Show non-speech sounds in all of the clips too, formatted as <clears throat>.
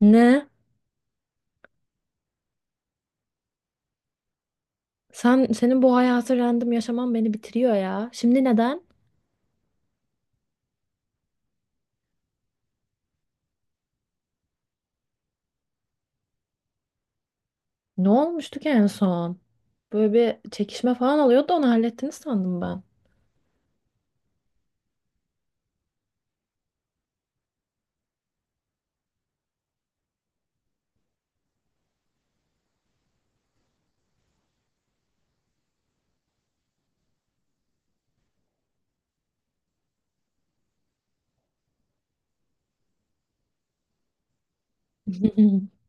Ne? Sen senin bu hayatı random yaşaman beni bitiriyor ya. Şimdi neden? Ne olmuştu ki en son? Böyle bir çekişme falan oluyordu da onu hallettiniz sandım ben. <laughs>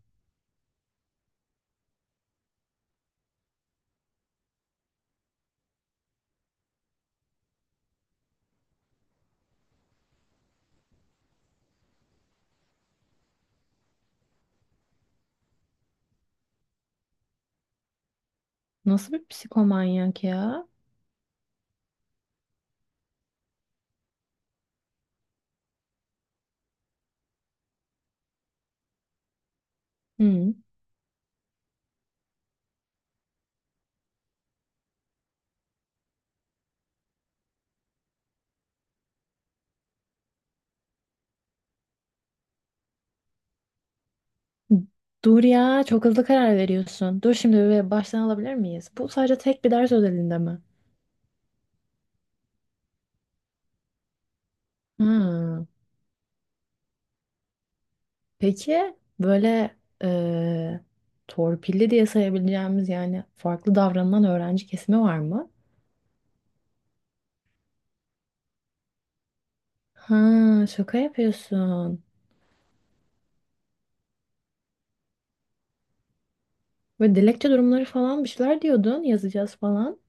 Nasıl bir psikomanyak ya? Hı. Dur ya çok hızlı karar veriyorsun. Dur şimdi bir baştan alabilir miyiz? Bu sadece tek bir ders özelinde mi? Hı. Peki böyle eee, torpilli diye sayabileceğimiz yani farklı davranan öğrenci kesimi var mı? Ha, şaka yapıyorsun. Böyle dilekçe durumları falan bir şeyler diyordun yazacağız falan.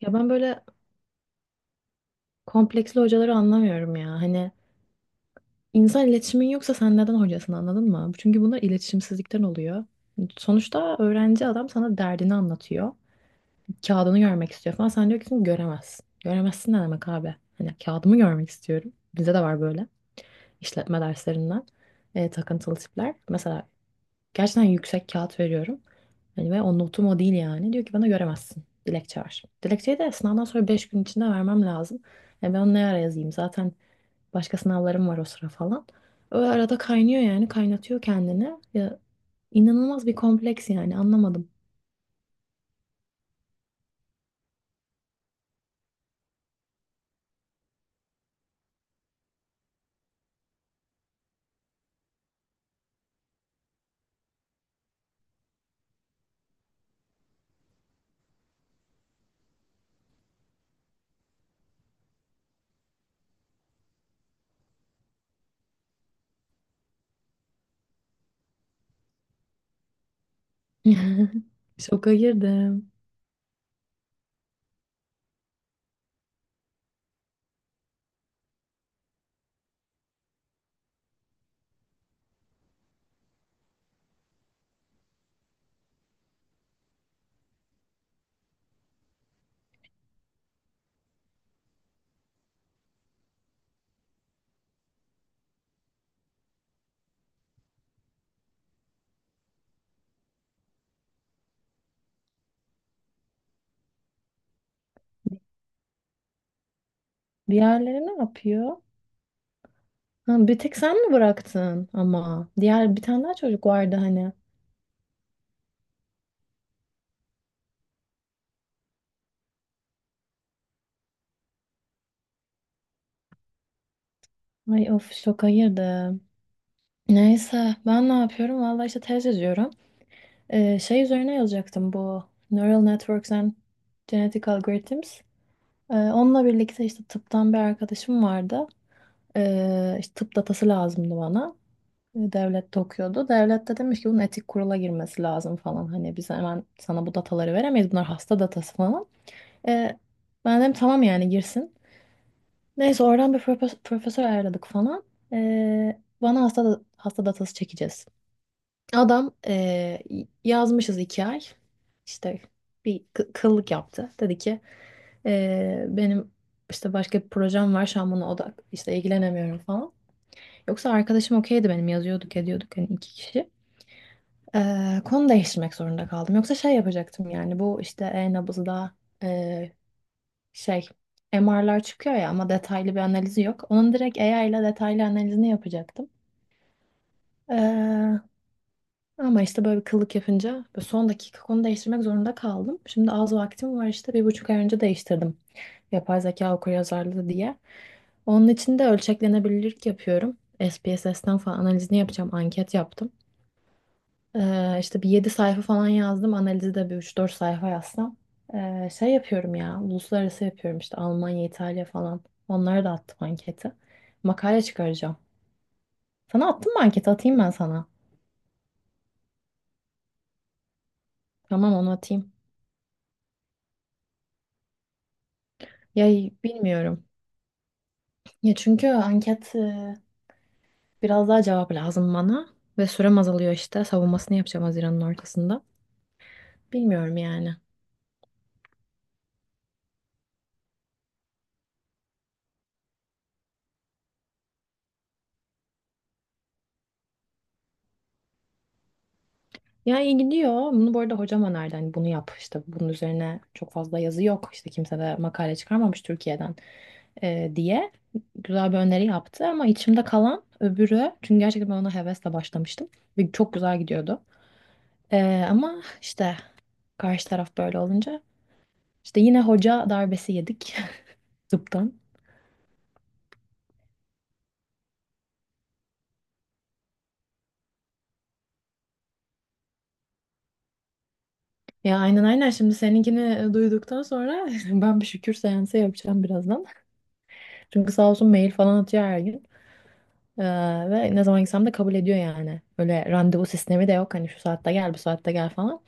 Ya ben böyle kompleksli hocaları anlamıyorum ya. Hani insan iletişimin yoksa sen neden hocasın anladın mı? Çünkü bunlar iletişimsizlikten oluyor. Sonuçta öğrenci adam sana derdini anlatıyor. Kağıdını görmek istiyor falan. Sen diyorsun göremezsin. Göremezsin ne demek abi? Hani kağıdımı görmek istiyorum. Bize de var böyle işletme derslerinden takıntılı tipler. Mesela gerçekten yüksek kağıt veriyorum. Hani ve o notum o değil yani. Diyor ki bana göremezsin. Dilekçe ver. Dilekçeyi de sınavdan sonra 5 gün içinde vermem lazım. E ben onu ne ara yazayım? Zaten başka sınavlarım var o sıra falan. O arada kaynıyor yani. Kaynatıyor kendini. Ya, inanılmaz bir kompleks yani. Anlamadım. <laughs> Şoka girdim. Diğerleri ne yapıyor? Ha, bir tek sen mi bıraktın ama? Diğer bir tane daha çocuk vardı hani. Ay of şoka girdim. Neyse ben ne yapıyorum? Vallahi işte tez yazıyorum. Şey üzerine yazacaktım bu Neural Networks and Genetic Algorithms. Onunla birlikte işte tıptan bir arkadaşım vardı. İşte tıp datası lazımdı bana. Devlette okuyordu. Devlette demiş ki bunun etik kurula girmesi lazım falan. Hani biz hemen sana bu dataları veremeyiz. Bunlar hasta datası falan. Ee, Ben dedim tamam yani girsin. Neyse oradan bir profesör ayarladık falan. Bana hasta datası çekeceğiz. Adam yazmışız 2 ay. İşte bir kıllık yaptı. Dedi ki benim işte başka bir projem var şu an buna odak işte ilgilenemiyorum falan. Yoksa arkadaşım okeydi benim yazıyorduk ediyorduk hani iki kişi. Konu değiştirmek zorunda kaldım. Yoksa şey yapacaktım yani bu işte e-nabızda eee, şey MR'lar çıkıyor ya ama detaylı bir analizi yok. Onun direkt AI ile detaylı analizini yapacaktım. Ama işte böyle bir kıllık yapınca böyle son dakika konu değiştirmek zorunda kaldım. Şimdi az vaktim var işte 1,5 ay önce değiştirdim. Yapay zeka okuryazarlığı diye. Onun için de ölçeklenebilirlik yapıyorum. SPSS'ten falan analizini yapacağım. Anket yaptım. İşte bir 7 sayfa falan yazdım. Analizi de bir üç dört sayfa yazsam. Şey yapıyorum ya. Uluslararası yapıyorum işte Almanya, İtalya falan. Onlara da attım anketi. Makale çıkaracağım. Sana attım mı anketi? Atayım ben sana. Tamam onu atayım. Ya bilmiyorum. Ya çünkü anket biraz daha cevap lazım bana ve sürem azalıyor işte. Savunmasını yapacağım Haziran'ın ortasında. Bilmiyorum yani. Ya iyi gidiyor. Bunu bu arada hocam önerdi. Hani bunu yap işte bunun üzerine çok fazla yazı yok. İşte kimse de makale çıkarmamış Türkiye'den diye güzel bir öneri yaptı. Ama içimde kalan öbürü çünkü gerçekten ben ona hevesle başlamıştım. Ve çok güzel gidiyordu. E, ama işte karşı taraf böyle olunca işte yine hoca darbesi yedik <laughs> tıptan. Ya aynen aynen şimdi seninkini duyduktan sonra <laughs> ben bir şükür seansı yapacağım birazdan. Çünkü sağ olsun mail falan atıyor her gün. Ee, Ve ne zaman gitsem de kabul ediyor yani. Öyle randevu sistemi de yok hani şu saatte gel bu saatte gel falan.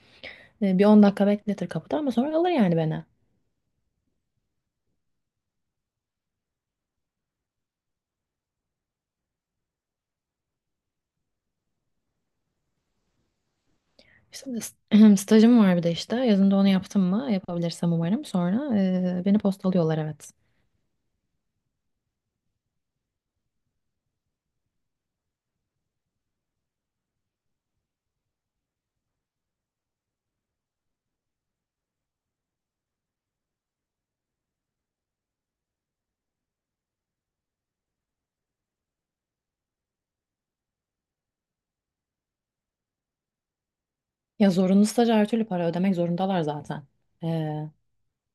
Bir 10 dakika bekletir kapıda ama sonra alır yani beni. İşte <clears throat> stajım var bir de işte yazında onu yaptım mı yapabilirsem umarım sonra beni postalıyorlar evet. Ya zorunlu staj her türlü para ödemek zorundalar zaten.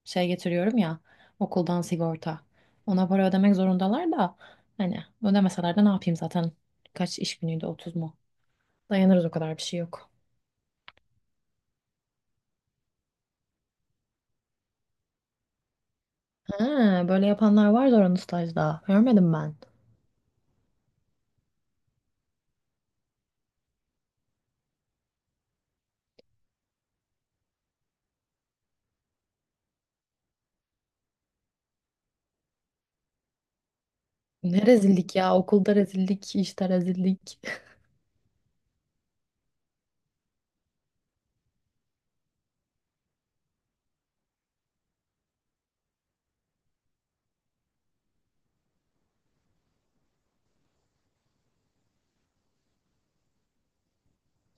Şey getiriyorum ya okuldan sigorta. Ona para ödemek zorundalar da hani ödemeseler de ne yapayım zaten kaç iş günüydü 30 mu? Dayanırız o kadar bir şey yok. Ha, böyle yapanlar var zorunlu stajda. Görmedim ben. Ne rezillik ya okulda rezillik işte rezillik. <laughs>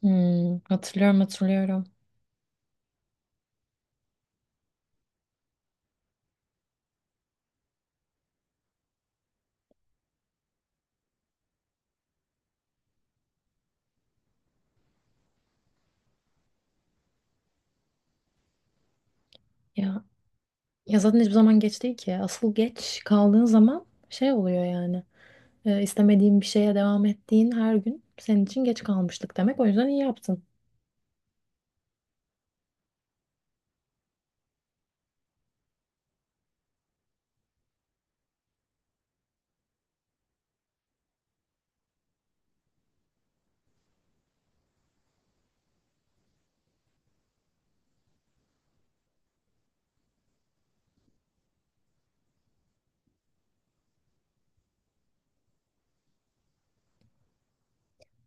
Hmm, hatırlıyorum hatırlıyorum. Ya, ya zaten hiçbir zaman geç değil ki. Asıl geç kaldığın zaman şey oluyor yani. İstemediğin bir şeye devam ettiğin her gün senin için geç kalmışlık demek. O yüzden iyi yaptın.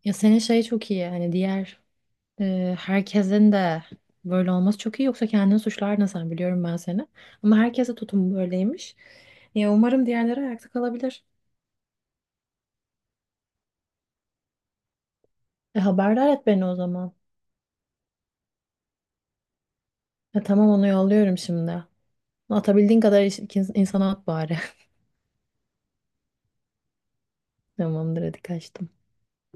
Ya senin şey çok iyi hani diğer herkesin de böyle olması çok iyi yoksa kendini suçlardın sen biliyorum ben seni. Ama herkese tutum böyleymiş. Ya umarım diğerleri ayakta kalabilir. E, haberdar et beni o zaman. E, tamam onu yolluyorum şimdi. Atabildiğin kadar insana at bari. <laughs> Tamamdır hadi kaçtım.